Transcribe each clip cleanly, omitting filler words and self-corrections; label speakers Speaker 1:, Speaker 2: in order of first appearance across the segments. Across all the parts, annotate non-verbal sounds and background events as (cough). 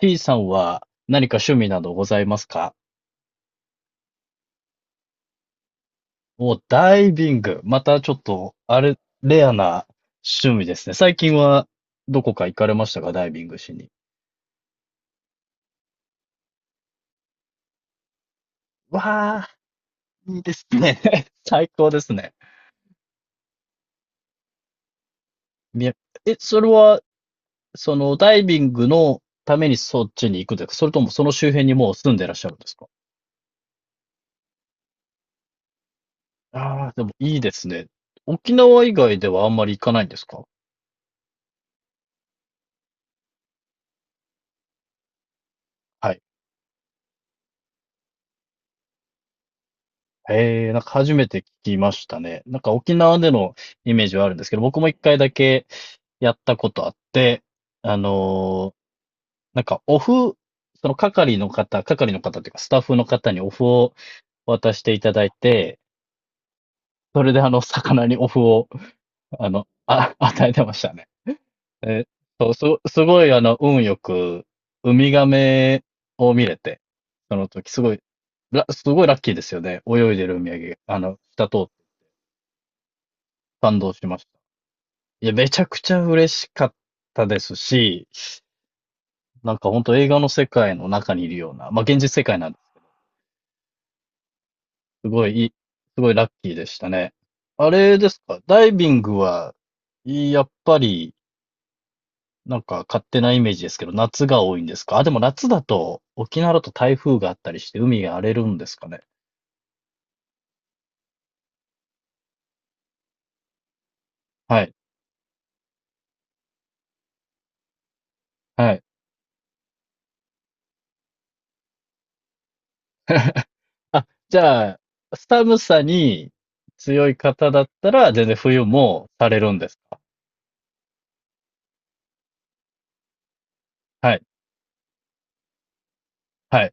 Speaker 1: T さんは何か趣味などございますか？お、ダイビング。またちょっと、レアな趣味ですね。最近はどこか行かれましたか？ダイビングしに。わあ、いいですね。(laughs) 最高ですね。みえ、それは、ダイビングのためにそっちに行くんですか？それともその周辺にもう住んでらっしゃるんですか？ああー、でもいいですね。沖縄以外ではあんまり行かないんですか？はい。へえ、なんか初めて聞きましたね。なんか沖縄でのイメージはあるんですけど、僕も一回だけやったことあって、あのーなんかお麩、その係の方っていうかスタッフの方にお麩を渡していただいて、それで魚にお麩を、与えてましたね。え、そう、す、すごい運よく、ウミガメを見れて、その時すごい、すごいラッキーですよね。泳いでるウミガメ、下通って感動しました。いや、めちゃくちゃ嬉しかったですし、なんか本当映画の世界の中にいるような、まあ現実世界なんです、すごいいい、すごいラッキーでしたね。あれですか、ダイビングは、やっぱり、なんか勝手なイメージですけど、夏が多いんですか？あ、でも夏だと、沖縄だと台風があったりして海が荒れるんですかね。はい、はい。(laughs) あ、じゃあ、寒さに強い方だったら、全然冬もされるんですか？はい、はい。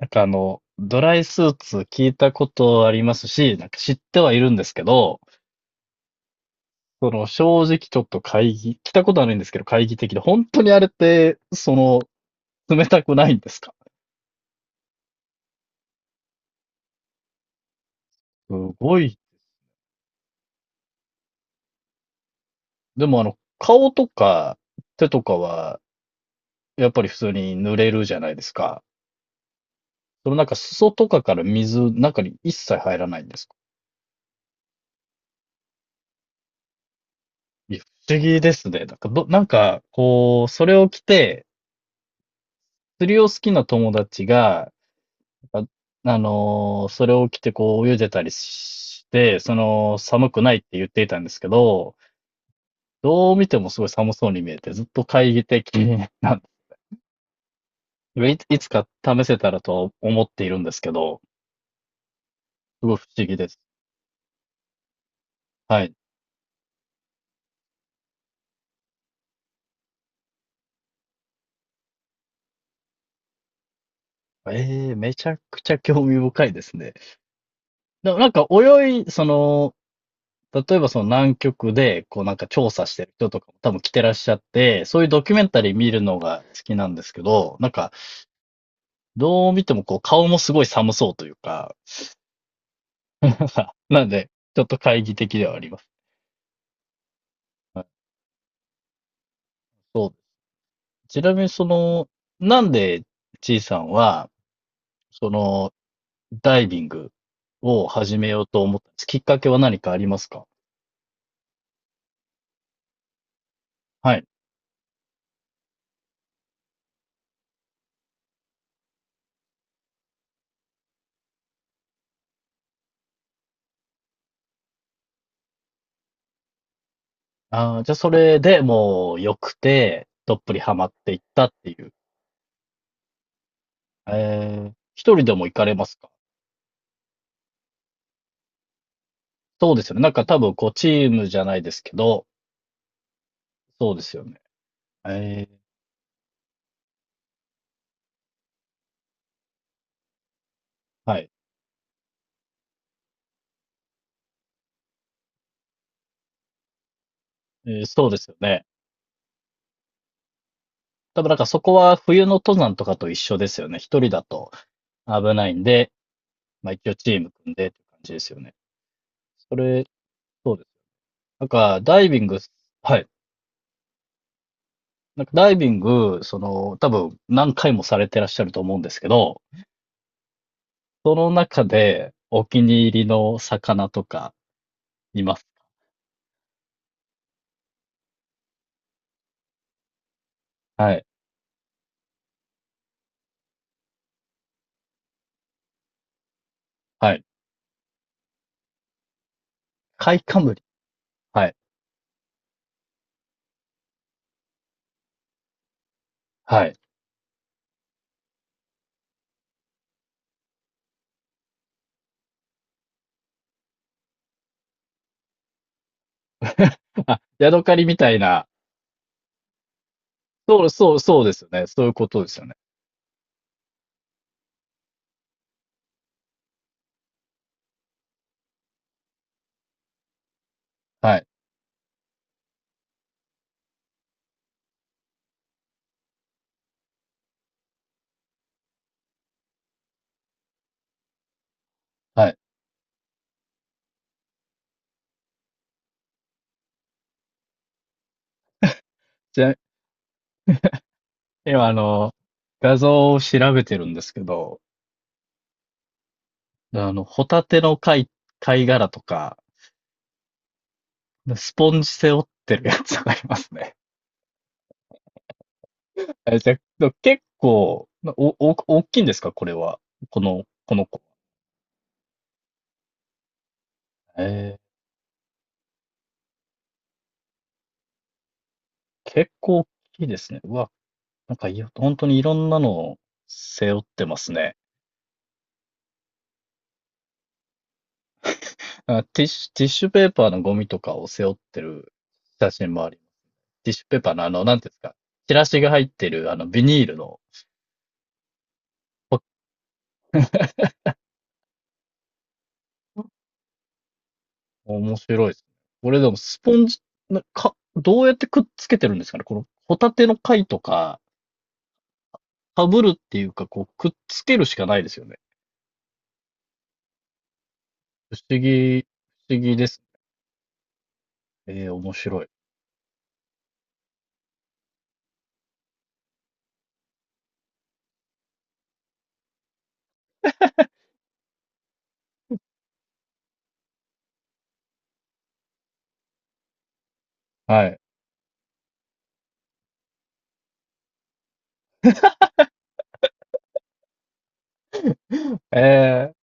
Speaker 1: なんかドライスーツ聞いたことありますし、なんか知ってはいるんですけど、その正直ちょっと来たことはないんですけど、懐疑的で、本当にあれって、冷たくないんですか？すごい。でも顔とか手とかは、やっぱり普通に濡れるじゃないですか。そのなんか裾とかから水、中に一切入らないんですか？いや、不思議ですね。なんかど、なんか、こう、それを着て、釣りを好きな友達が、あ、それを着てこう泳いでたりして、その寒くないって言っていたんですけど、どう見てもすごい寒そうに見えて、ずっと懐疑的 (laughs) なんで、いつか試せたらと思っているんですけど、すごい不思議です。はい。ええ、めちゃくちゃ興味深いですね。でもなんか泳い、その、例えばその南極で、こうなんか調査してる人とかも多分来てらっしゃって、そういうドキュメンタリー見るのが好きなんですけど、なんかどう見てもこう顔もすごい寒そうというか、(laughs) なんで、ちょっと懐疑的ではあります。はい。そう。ちなみにその、なんで、ちいさんは、その、ダイビングを始めようと思ったんです？きっかけは何かありますか？はい。あー、じゃあそれでもう良くて、どっぷりハマっていったっていう。一人でも行かれますか？そうですよね。なんか多分こうチームじゃないですけど、そうですよね。えー、はい。そうですよね。多分なんかそこは冬の登山とかと一緒ですよね。一人だと危ないんで、まあ一応チーム組んでって感じですよね。それ、そうです。なんかダイビング、はい。なんかダイビング、多分何回もされてらっしゃると思うんですけど、その中でお気に入りの魚とかいます？はい。はい。カイカムリ。はい。はい。(laughs) あ、ヤドカリみたいな。そう、そう、そうですよね。そういうことですよね。はい。はい。今、画像を調べてるんですけど、ホタテの貝殻とか、スポンジ背負ってるやつがありますね。(laughs) え、じゃあ、結構、大きいんですか？これは。この子。えー、結構大きいですね。うわ、なんかい本当にいろんなのを背負ってますね。あ、ティッシュペーパーのゴミとかを背負ってる写真もあります。ティッシュペーパーのなんていうんですか。チラシが入ってる、ビニールのポ。面白いですね。これでもスポンジ、どうやってくっつけてるんですかね。このホタテの貝とか、かぶるっていうか、こう、くっつけるしかないですよね。不思議、不思議ですね。面白い。はい。えー、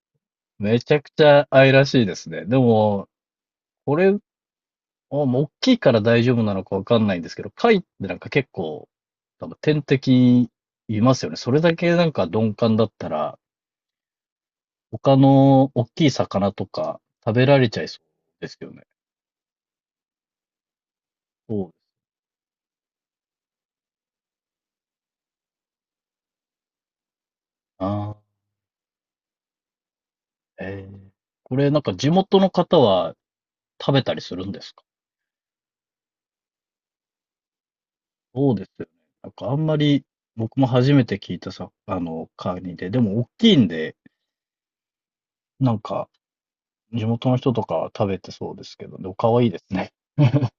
Speaker 1: めちゃくちゃ愛らしいですね。でも、これ、あもう大きいから大丈夫なのかわかんないんですけど、貝ってなんか結構、多分天敵いますよね。それだけなんか鈍感だったら、他の大きい魚とか食べられちゃいそうですよね。そうですな。ええ。これなんか地元の方は食べたりするんですか？そうですよね。なんかあんまり僕も初めて聞いたさ、カニで、でも大きいんで、なんか地元の人とかは食べてそうですけど、でも可愛いですね。(laughs)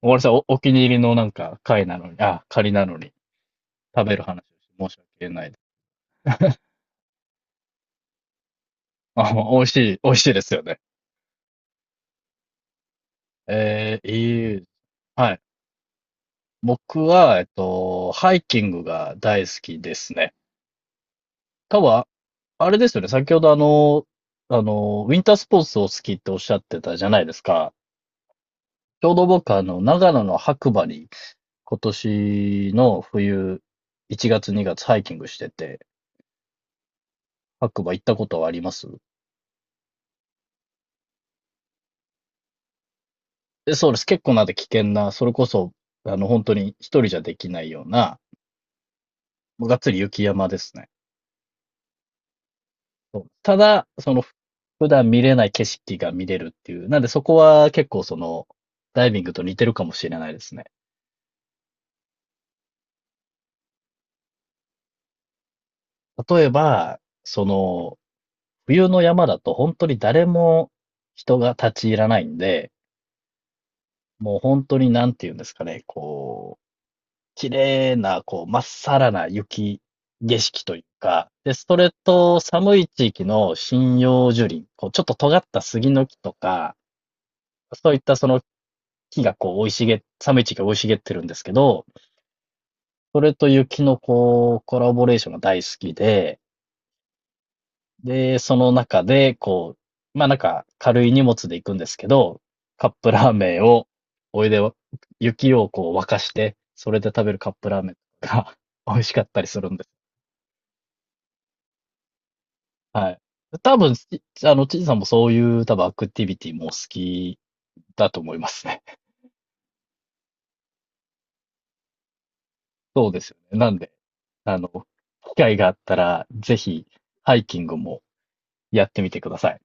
Speaker 1: おわりさん、お気に入りのなんか貝なのに、あ、カニなのに食べる話をして申し訳ないです。(laughs) あ、美味しいですよね。ええ、いい。はい。僕は、ハイキングが大好きですね。多分あれですよね。先ほどウィンタースポーツを好きっておっしゃってたじゃないですか。ちょうど僕長野の白馬に今年の冬、1月2月ハイキングしてて、白馬行ったことはあります？そうです。結構なんで危険な、それこそ、本当に一人じゃできないような、もうがっつり雪山ですね。そうただ、普段見れない景色が見れるっていう。なんでそこは結構ダイビングと似てるかもしれないですね。例えば、冬の山だと本当に誰も人が立ち入らないんで、もう本当になんていうんですかね、こう、綺麗な、こう、まっさらな雪景色というか、で、それと寒い地域の針葉樹林、こう、ちょっと尖った杉の木とか、そういったその木がこう、生い茂っ、寒い地域が生い茂ってるんですけど、それと雪のこう、コラボレーションが大好きで、で、その中で、こう、まあなんか軽い荷物で行くんですけど、カップラーメンを、お湯で雪をこう沸かして、それで食べるカップラーメンが (laughs) 美味しかったりするんです。はい。多分、ちあの、ちいさんもそういう多分アクティビティもお好きだと思いますね。(laughs) なんで、あの、機会があったら、ぜひハイキングもやってみてください。